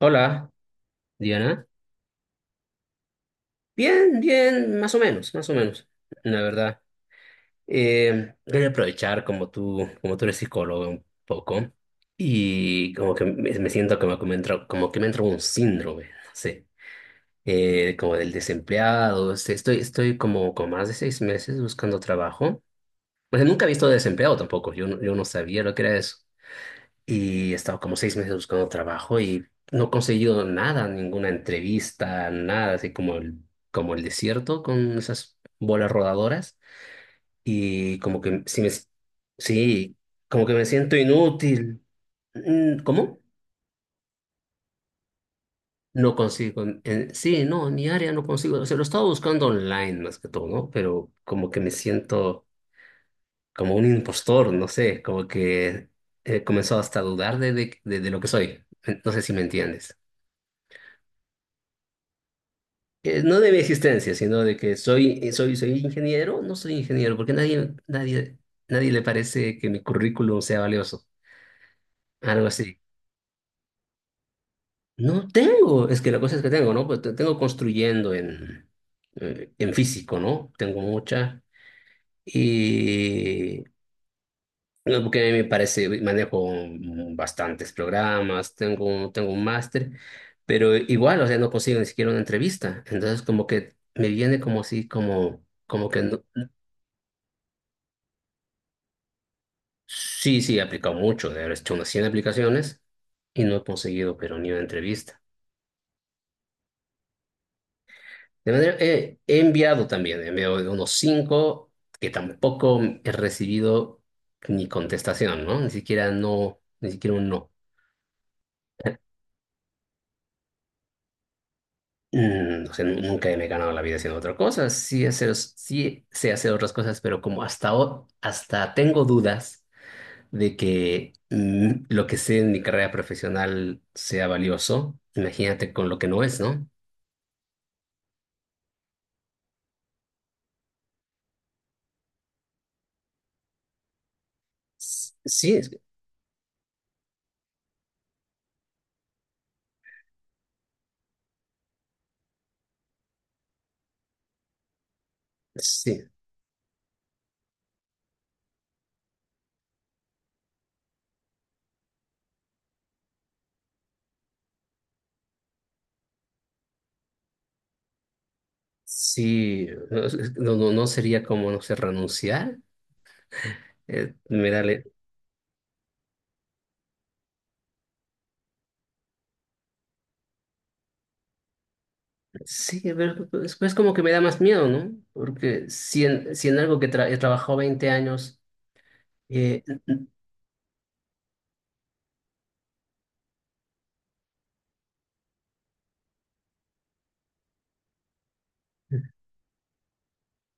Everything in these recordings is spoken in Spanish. Hola, Diana. Bien, bien, más o menos, la verdad. Quería aprovechar como tú, eres psicólogo un poco y como que me siento como que me entra un síndrome, no sé, como del desempleado. O sea, estoy como con más de 6 meses buscando trabajo. O sea, nunca he visto desempleado tampoco. Yo no sabía lo que era eso. Y he estado como 6 meses buscando trabajo y no he conseguido nada, ninguna entrevista, nada, así como el desierto con esas bolas rodadoras. Y como que si me, sí, como que me siento inútil. Mm. ¿Cómo? No consigo. Sí, no, en mi área no consigo. O sea, lo estaba buscando online más que todo, ¿no? Pero como que me siento como un impostor, no sé, como que he comenzado hasta a dudar de lo que soy. No sé si me entiendes. No de mi existencia, sino de que soy ingeniero, no soy ingeniero, porque nadie, nadie, nadie le parece que mi currículum sea valioso, algo así. No tengo, es que la cosa es que tengo, ¿no? Pues tengo construyendo en físico, ¿no? Tengo mucha. Y no, porque a mí me parece, manejo bastantes programas, tengo un máster, pero igual, o sea, no consigo ni siquiera una entrevista. Entonces, como que me viene como así, como, como que no. Sí, sí, he aplicado mucho, de haber hecho unas 100 aplicaciones y no he conseguido, pero ni una entrevista. De manera, he enviado también, he enviado unos 5 que tampoco he recibido ni contestación, ¿no? Ni siquiera no, ni siquiera un no. Mm. O sea, nunca me he ganado la vida haciendo otra cosa. Sí, hacer, sí sé hacer otras cosas, pero como hasta, hasta tengo dudas de que lo que sé en mi carrera profesional sea valioso, imagínate con lo que no es, ¿no? Sí, es que... Sí, sí, no, no, no sería como, no sé, renunciar. Me da, sí, pero es como que me da más miedo, ¿no? Porque si en algo que he trabajado 20 años, eh,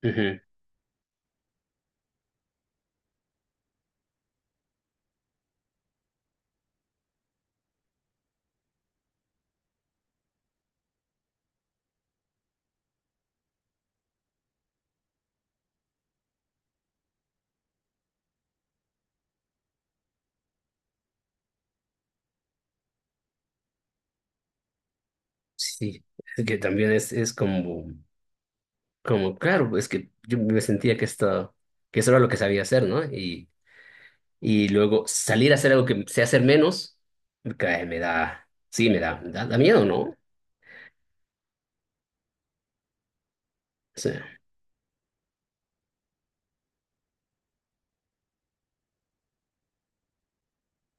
ujú, sí, es que también es como, claro, es que yo me sentía que esto, que eso era lo que sabía hacer, ¿no? Y luego salir a hacer algo que sé hacer menos, me cae, me da, sí, me da miedo, ¿no?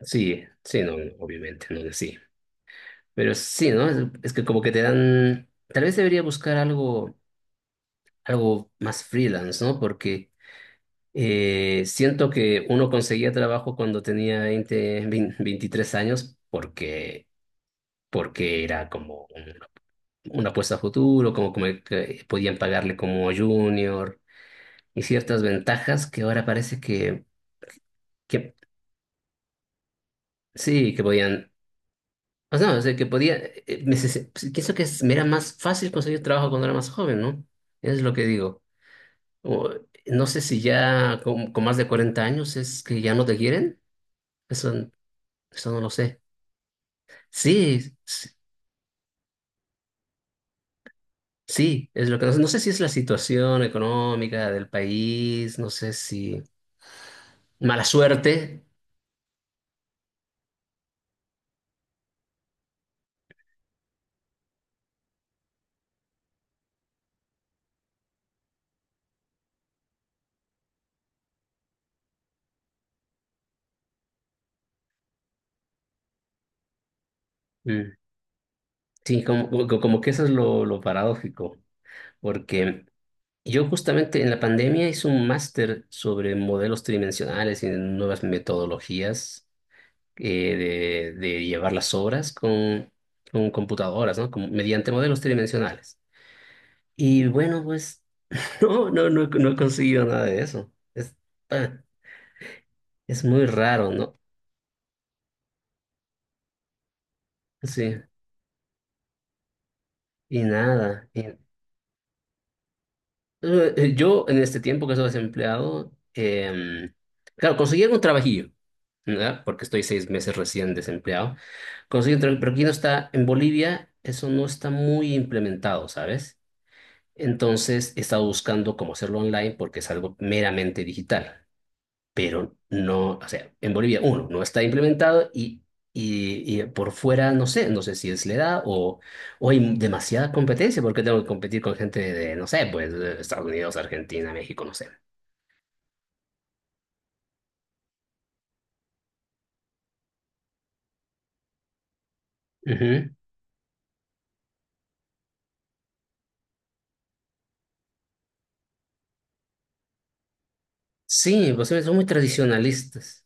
Sí, sí, no, obviamente, no, no, sí. Pero sí, ¿no? Es que como que te dan, tal vez debería buscar algo, algo más freelance, ¿no? Porque siento que uno conseguía trabajo cuando tenía 20, 20, 23 años porque, era como una apuesta a futuro, como, que podían pagarle como junior y ciertas ventajas que ahora parece que, que sí, que podían. O sea, que podía, pues, pienso que me era más fácil conseguir trabajo cuando era más joven, ¿no? Eso es lo que digo. O, no sé si ya con más de 40 años es que ya no te quieren. Eso, eso no lo sé. Sí, sí, sí, es lo que no sé. No sé si es la situación económica del país, no sé si mala suerte. Mm. Sí, como que eso es lo paradójico, porque... Yo justamente en la pandemia hice un máster sobre modelos tridimensionales y nuevas metodologías de llevar las obras con computadoras, ¿no? Mediante modelos tridimensionales. Y bueno, pues no, no, no, no he conseguido nada de eso. Es, ah, es muy raro, ¿no? Sí, y nada. Yo en este tiempo que estoy desempleado, claro, conseguí algún trabajillo, ¿verdad? Porque estoy 6 meses recién desempleado. Conseguí un trabajo, pero aquí no está, en Bolivia eso no está muy implementado, ¿sabes? Entonces he estado buscando cómo hacerlo online porque es algo meramente digital, pero no, o sea, en Bolivia, uno, no está implementado y, y por fuera, no sé, no sé si es la edad o hay demasiada competencia, porque tengo que competir con gente de, no sé, pues de Estados Unidos, Argentina, México, no sé. Ujú. Sí, pues sí, son muy tradicionalistas.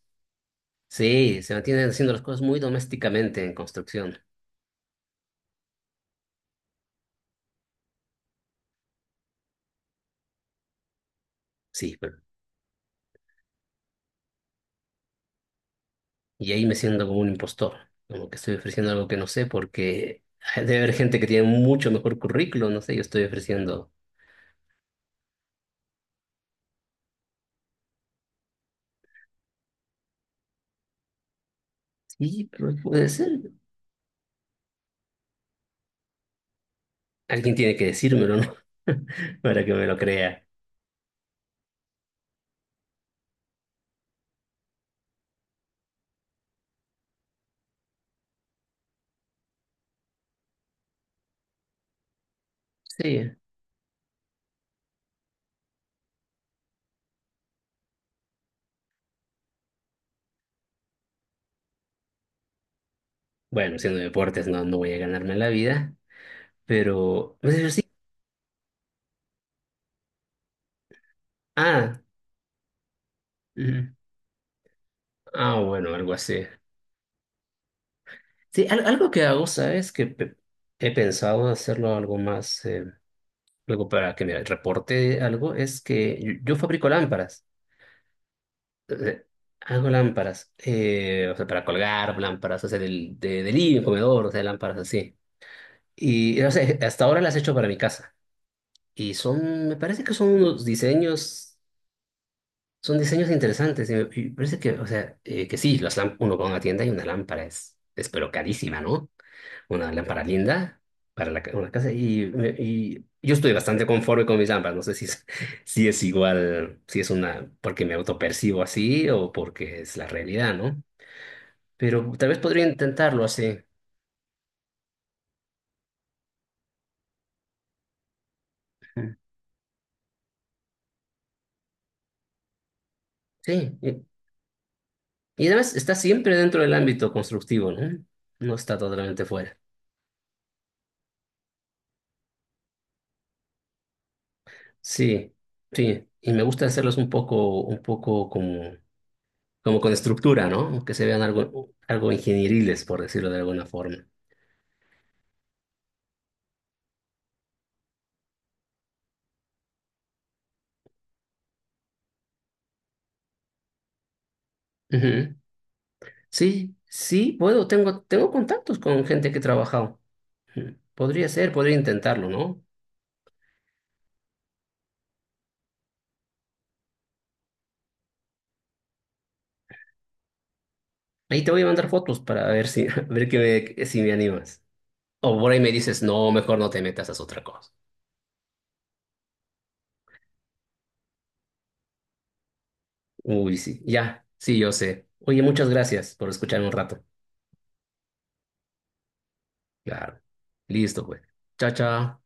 Sí, se mantienen haciendo las cosas muy domésticamente en construcción. Sí, pero, y ahí me siento como un impostor, como que estoy ofreciendo algo que no sé, porque debe haber gente que tiene mucho mejor currículo, no sé, yo estoy ofreciendo. Sí, pero puede ser. Alguien tiene que decírmelo, ¿no? Para que me lo crea. Sí. Bueno, siendo deportes no, voy a ganarme la vida, pero... pues, pero sí. Ah. Ujú. Ah, bueno, algo así. Sí, algo que hago, ¿sabes? Que he pensado hacerlo algo más, algo para que me reporte algo, es que yo fabrico lámparas. Eh, Hago lámparas, o sea, para colgar lámparas, o sea, del living, comedor, o sea, lámparas así. Y, o sea, hasta ahora las he hecho para mi casa. Y son, me parece que son unos diseños, son diseños interesantes. Y me, y parece que, o sea, que sí, las lámparas, uno va a una tienda y una lámpara es pero carísima, ¿no? Una lámpara linda para una casa. Y yo estoy bastante conforme con mis lámparas. No sé si es, si es igual, si es una, porque me autopercibo así o porque es la realidad, ¿no? Pero tal vez podría intentarlo así. Ujú. Sí. Y además está siempre dentro del ámbito constructivo, ¿no? No está totalmente fuera. Sí, sí, y me gusta hacerlos un poco como, como con estructura, ¿no? Que se vean algo, algo ingenieriles, por decirlo de alguna forma. Ujú. Sí, sí, puedo, tengo, contactos con gente que he trabajado. Ujú. Podría ser, podría intentarlo, ¿no? Ahí te voy a mandar fotos para ver si, a ver que me, si me animas. O por ahí me dices, no, mejor no te metas, haz otra cosa. Uy, sí, ya, sí, yo sé. Oye, muchas gracias por escucharme un rato. Claro. Listo, pues. Chao, chao.